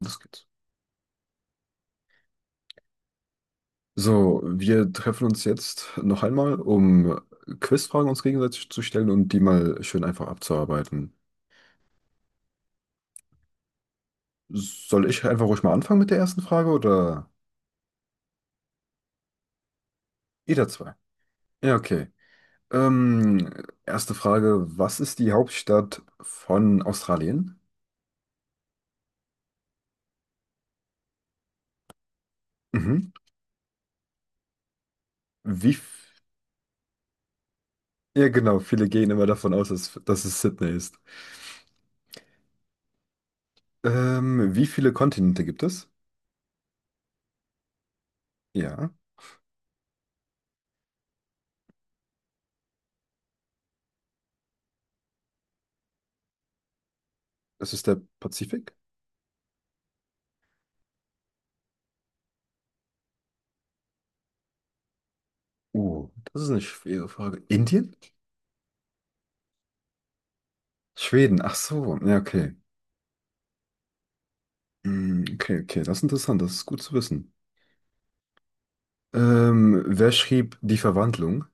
Los geht's. So, wir treffen uns jetzt noch einmal, um Quizfragen uns gegenseitig zu stellen und die mal schön einfach abzuarbeiten. Soll ich einfach ruhig mal anfangen mit der ersten Frage oder jeder zwei? Ja, okay. Ähm, Erste Frage, was ist die Hauptstadt von Australien? Mhm. Wie, f- ja genau, viele gehen immer davon aus, dass es Sydney ist. Wie viele Kontinente gibt es? Ja, es ist der Pazifik. Oh, das ist eine schwere Frage. Indien? Schweden, ach so, ja, okay. Hm, okay, okay, das ist interessant, das ist gut zu wissen. Wer schrieb Die Verwandlung?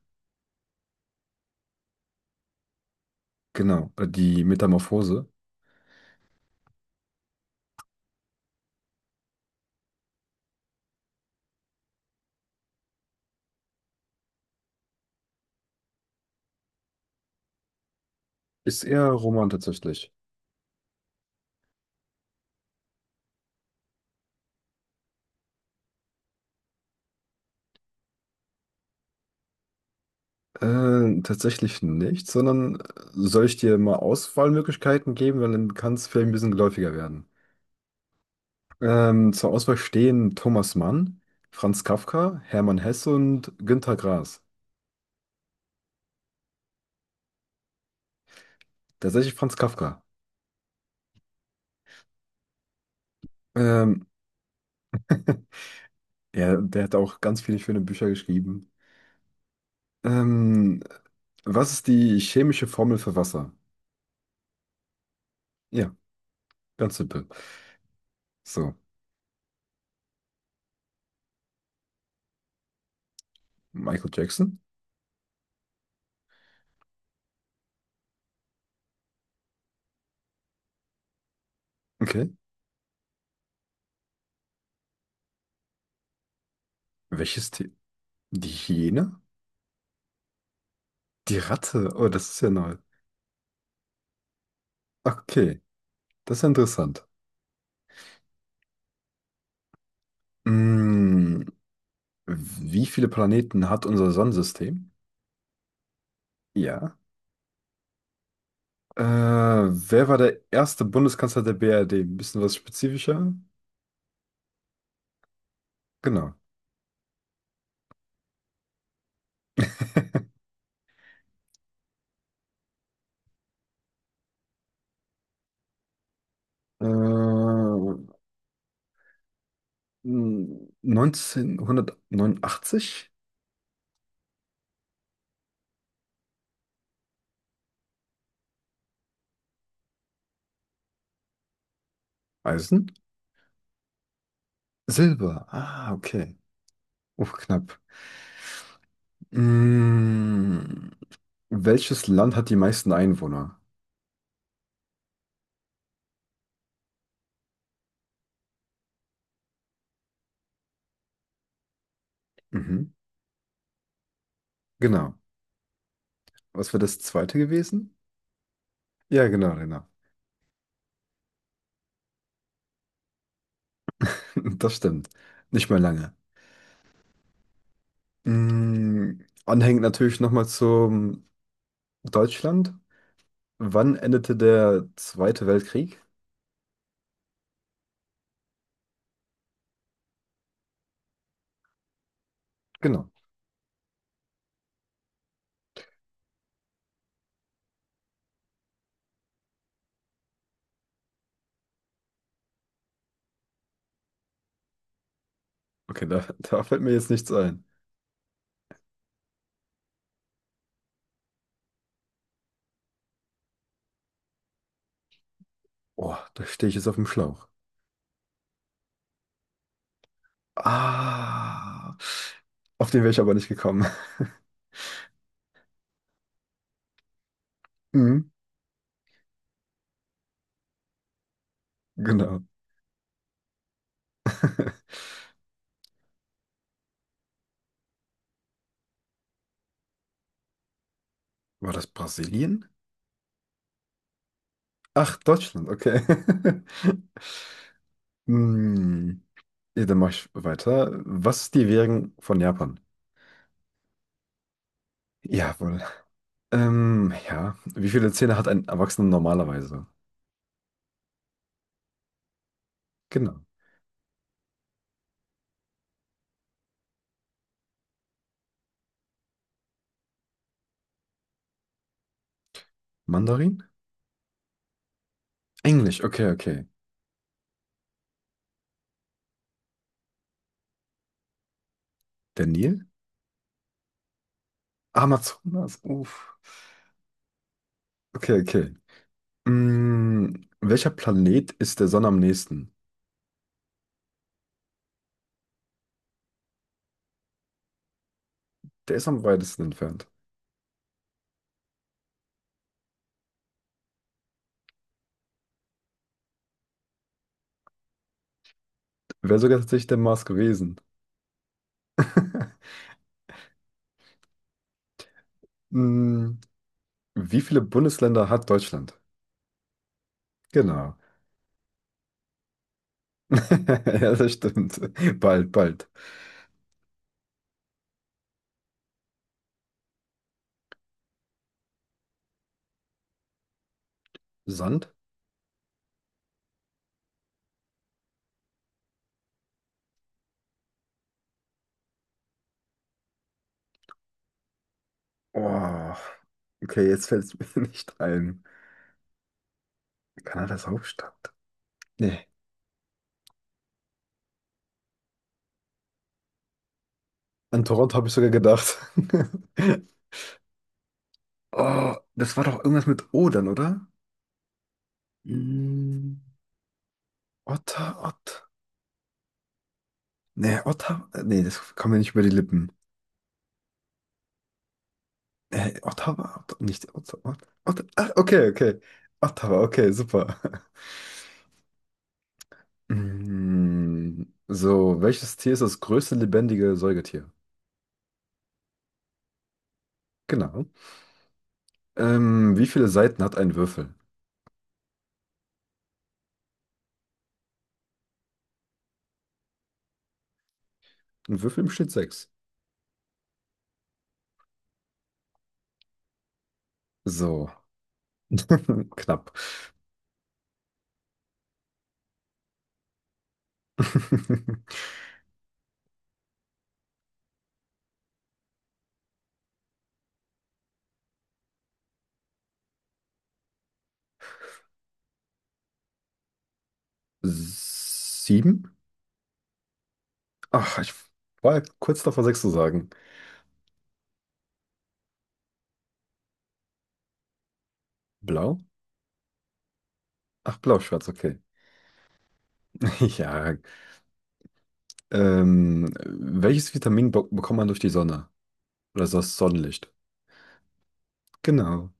Genau, die Metamorphose. Ist eher Roman tatsächlich. Tatsächlich nicht, sondern soll ich dir mal Auswahlmöglichkeiten geben, weil dann kann es vielleicht ein bisschen geläufiger werden. Zur Auswahl stehen Thomas Mann, Franz Kafka, Hermann Hesse und Günter Grass. Tatsächlich Franz Kafka. Ähm, Ja, der hat auch ganz viele schöne Bücher geschrieben. Ähm, Was ist die chemische Formel für Wasser? Ja, ganz simpel. So, Michael Jackson? Okay. Welches Tier? Die Hyäne? Die Ratte? Oh, das ist ja neu. Okay, das ist ja interessant. Mm, wie viele Planeten hat unser Sonnensystem? Ja. Wer war der erste Bundeskanzler der BRD? Ein bisschen was spezifischer? Genau. Äh, 1989? Eisen? Silber. Ah, okay. Uff, knapp. Hm, welches Land hat die meisten Einwohner? Mhm, genau. Was wäre das zweite gewesen? Ja, genau, genau. Das stimmt. Nicht mehr lange. Hm, anhängend natürlich nochmal zum Deutschland. Wann endete der Zweite Weltkrieg? Genau. Okay, da, da fällt mir jetzt nichts ein. Oh, da stehe ich jetzt auf dem Schlauch. Ah, auf den wäre ich aber nicht gekommen. Mhm, genau. War das Brasilien? Ach, Deutschland, okay. Hm, ja, dann mache ich weiter. Was ist die Währung von Japan? Jawohl. Ja. Wie viele Zähne hat ein Erwachsener normalerweise? Genau. Mandarin? Englisch, okay, okay. Der Nil? Amazonas, uff. Okay, okay. Hm, welcher Planet ist der Sonne am nächsten? Der ist am weitesten entfernt. Wäre sogar tatsächlich der Mars gewesen. Hm, wie viele Bundesländer hat Deutschland? Genau. Ja, das stimmt. Bald, bald. Sand? Oh, okay, jetzt fällt es mir nicht ein. Kanadas Hauptstadt? Nee. An Toronto habe ich sogar gedacht. Oh, das war doch irgendwas mit O dann, oder? Hm, Otter, Ott. Nee, Otter. Nee, das kam mir nicht über die Lippen. Ottawa? Ot nicht Ottawa. Ot ah, okay, okay. Ottawa, okay, super. Mm, so, welches Tier ist das größte lebendige Säugetier? Genau. Wie viele Seiten hat ein Würfel? Ein Würfel besteht sechs. So, knapp. Sieben? Ach, ich war kurz davor, sechs zu sagen. Blau? Ach, blau-schwarz, okay. Ja. Welches Vitamin be bekommt man durch die Sonne? Oder das Sonnenlicht? Genau.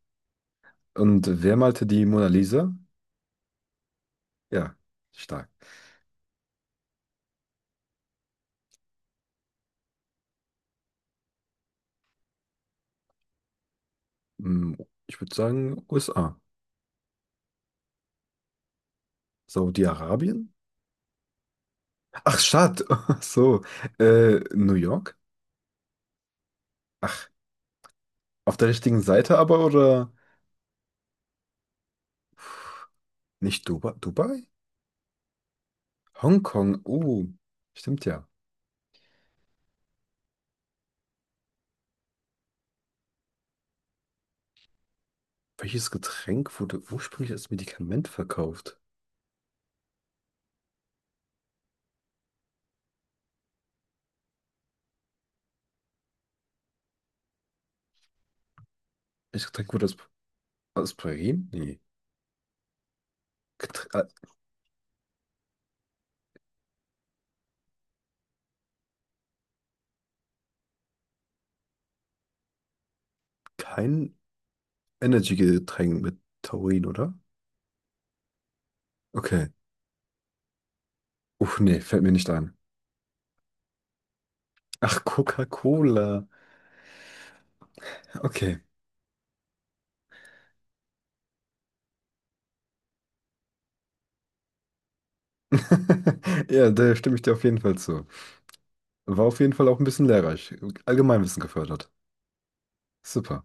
Und wer malte die Mona Lisa? Ja, stark. Hm, ich würde sagen USA. Saudi-Arabien? Ach, Stadt. Ach so, New York? Ach, auf der richtigen Seite aber oder nicht Dubai? Dubai? Hongkong? Oh, stimmt ja. Welches Getränk wurde ursprünglich als Medikament verkauft? Welches Getränk wurde als Aspirin? Nee. Getr Kein Energy-Getränk mit Taurin, oder? Okay. Uff, nee, fällt mir nicht ein. Ach, Coca-Cola. Okay. Ja, da stimme ich dir auf jeden Fall zu. War auf jeden Fall auch ein bisschen lehrreich. Allgemeinwissen gefördert. Super.